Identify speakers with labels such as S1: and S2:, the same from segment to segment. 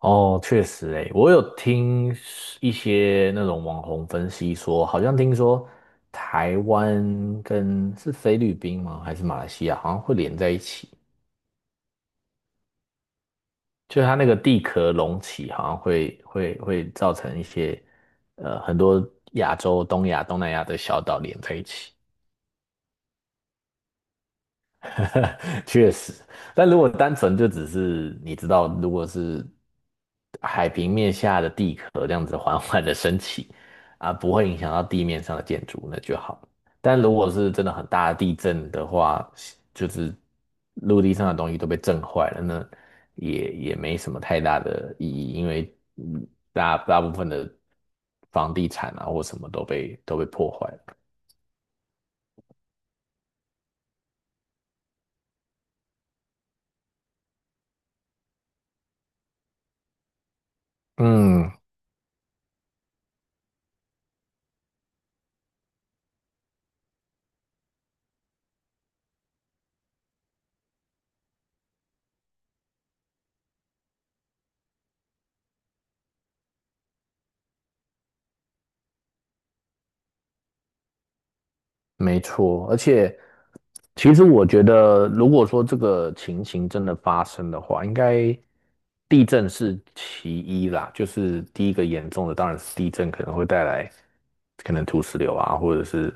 S1: 哦，确实诶，我有听一些那种网红分析说，好像听说台湾跟是菲律宾吗？还是马来西亚，好像会连在一起，就是它那个地壳隆起，好像会造成一些很多亚洲、东亚、东南亚的小岛连在一起。确实，但如果单纯就只是你知道，如果是海平面下的地壳这样子缓缓的升起，啊，不会影响到地面上的建筑，那就好。但如果是真的很大的地震的话，就是陆地上的东西都被震坏了，那也没什么太大的意义，因为大部分的房地产啊或什么都被破坏了。嗯，没错，而且其实我觉得，如果说这个情形真的发生的话，应该地震是其一啦，就是第一个严重的当然是地震可能会带来可能土石流啊，或者是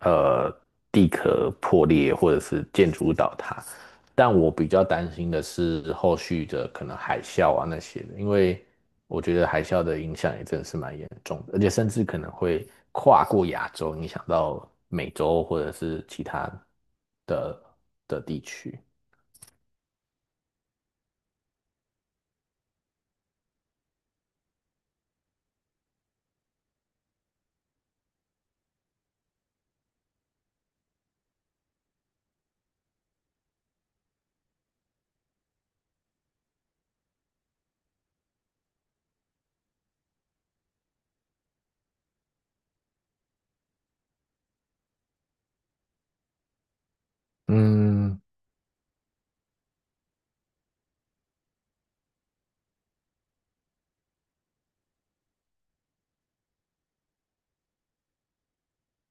S1: 呃地壳破裂，或者是建筑物倒塌。但我比较担心的是后续的可能海啸啊那些的，因为我觉得海啸的影响也真的是蛮严重的，而且甚至可能会跨过亚洲，影响到美洲或者是其他的的地区。嗯，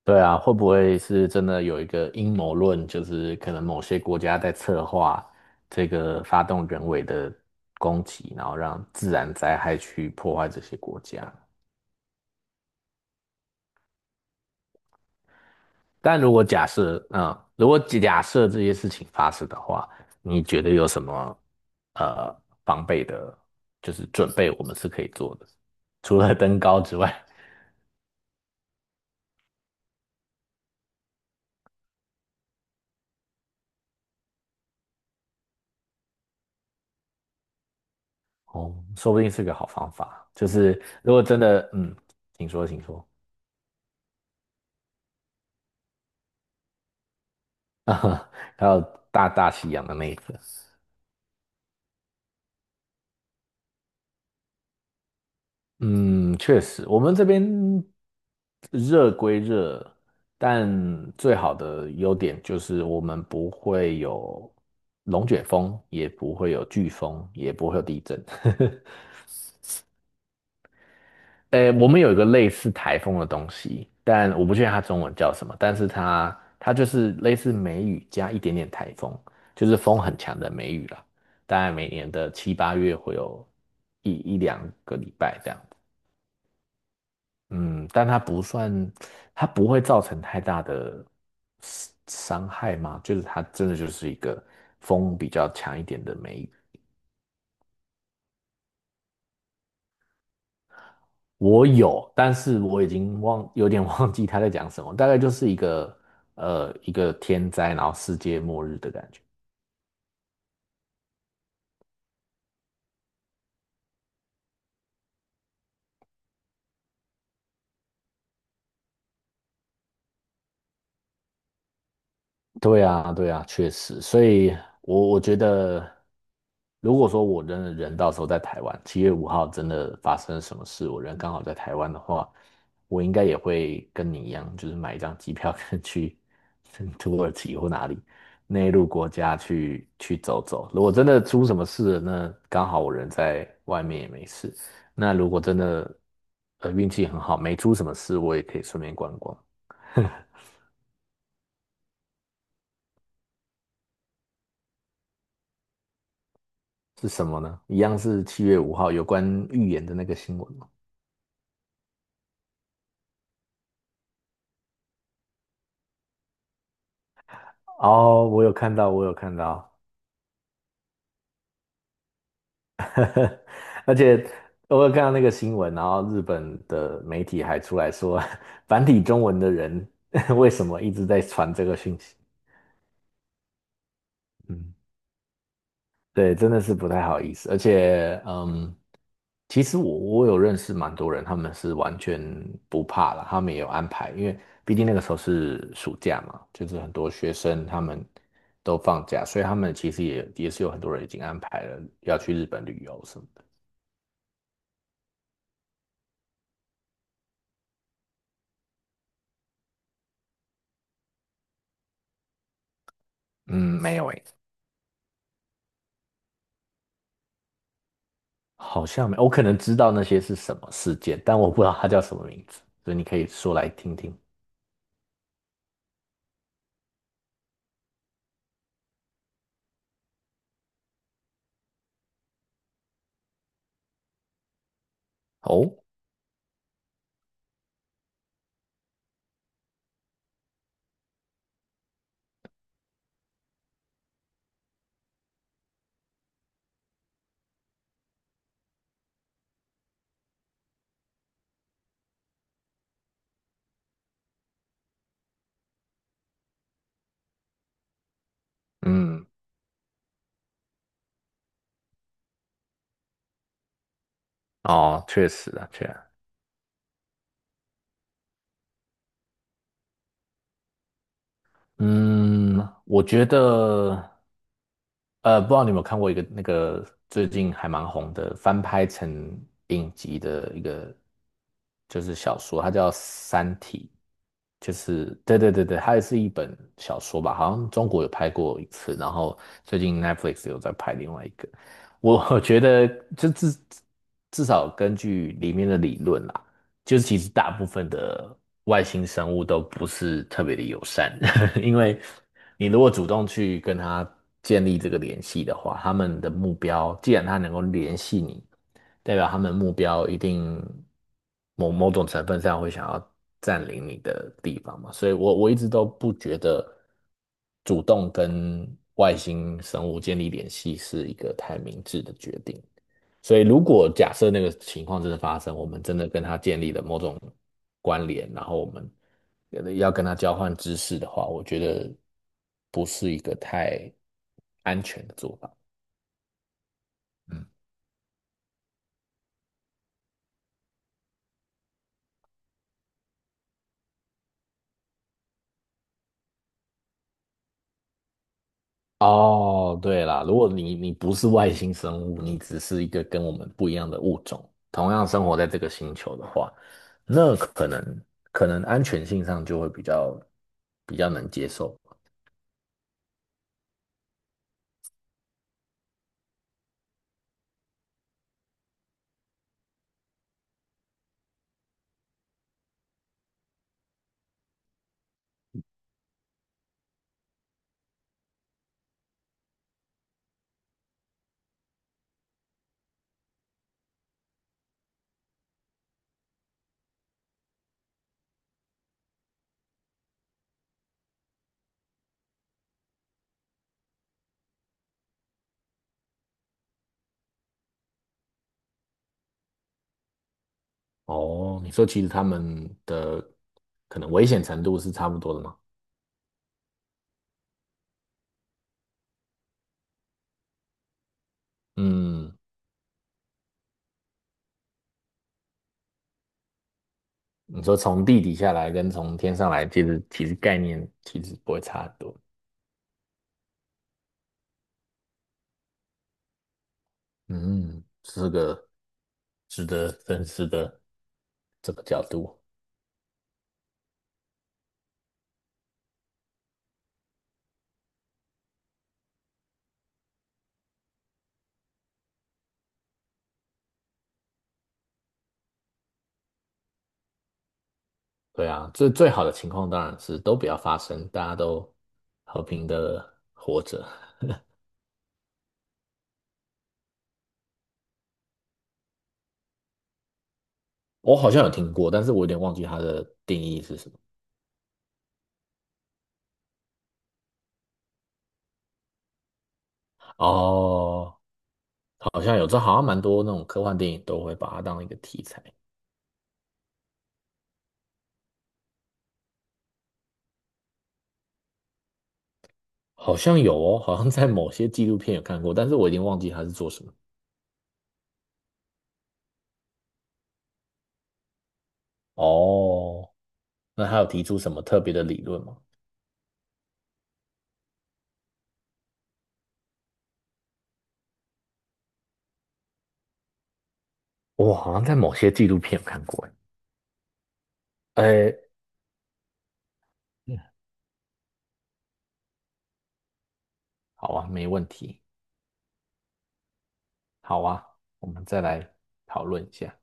S1: 对啊，会不会是真的有一个阴谋论，就是可能某些国家在策划这个发动人为的攻击，然后让自然灾害去破坏这些国家？但如果假设，嗯，如果假设这些事情发生的话，你觉得有什么呃防备的，就是准备我们是可以做的，除了登高之外，哦，说不定是个好方法。就是如果真的，嗯，请说，请说，还有大大西洋的那一个。嗯，确实，我们这边热归热，但最好的优点就是我们不会有龙卷风，也不会有飓风，也不会有地震。呃，我们有一个类似台风的东西，但我不确定它中文叫什么，但是它就是类似梅雨加一点点台风，就是风很强的梅雨啦。大概每年的七八月会有一两个礼拜这样。嗯，但它不算，它不会造成太大的伤害吗？就是它真的就是一个风比较强一点的梅雨。我有，但是我已经忘，有点 忘记他在讲什么，大概就是一个一个天灾，然后世界末日的感觉。对啊，对啊，确实，所以我觉得，如果说我真的人到时候在台湾，七月五号真的发生什么事，我人刚好在台湾的话，我应该也会跟你一样，就是买一张机票跟去 土耳其或哪里内陆国家去走走。如果真的出什么事了，那刚好我人在外面也没事。那如果真的运气很好，没出什么事，我也可以顺便观光。是什么呢？一样是七月五号有关预言的那个新闻吗？哦，我有看到，我有看到，而且我有看到那个新闻，然后日本的媒体还出来说，繁体中文的人 为什么一直在传这个讯息？嗯，对，真的是不太好意思，而且，嗯，其实我有认识蛮多人，他们是完全不怕了，他们也有安排，因为毕竟那个时候是暑假嘛，就是很多学生他们都放假，所以他们其实也是有很多人已经安排了要去日本旅游什么的。嗯，没有，好像没我可能知道那些是什么事件，但我不知道它叫什么名字，所以你可以说来听听。哦，嗯，哦，确实啊，确实。嗯，我觉得，呃，不知道你有没有看过一个那个最近还蛮红的翻拍成影集的一个，就是小说，它叫《三体》，就是对对对对，它也是一本小说吧，好像中国有拍过一次，然后最近 Netflix 有在拍另外一个，我 我觉得就至至少根据里面的理论啦。就是其实大部分的外星生物都不是特别的友善，因为你如果主动去跟它建立这个联系的话，他们的目标，既然它能够联系你，代表他们目标一定某种成分上会想要占领你的地方嘛，所以我一直都不觉得主动跟外星生物建立联系是一个太明智的决定。所以，如果假设那个情况真的发生，我们真的跟他建立了某种关联，然后我们要跟他交换知识的话，我觉得不是一个太安全的做法。嗯，哦，对啦，如果你不是外星生物，你只是一个跟我们不一样的物种，同样生活在这个星球的话，那可能安全性上就会比较能接受。哦，你说其实他们的可能危险程度是差不多的吗？嗯，你说从地底下来跟从天上来，其实概念其实不会差很多。嗯，是个值得深思的这个角度。对啊，最好的情况当然是都不要发生，大家都和平的活着。我好像有听过，但是我有点忘记它的定义是什么。哦，好像有，这好像蛮多那种科幻电影都会把它当一个题材。好像有哦，好像在某些纪录片有看过，但是我已经忘记他是做什么。哦，那他有提出什么特别的理论吗？我好像在某些纪录片有看过。哎，哎，好啊，没问题。好啊，我们再来讨论一下。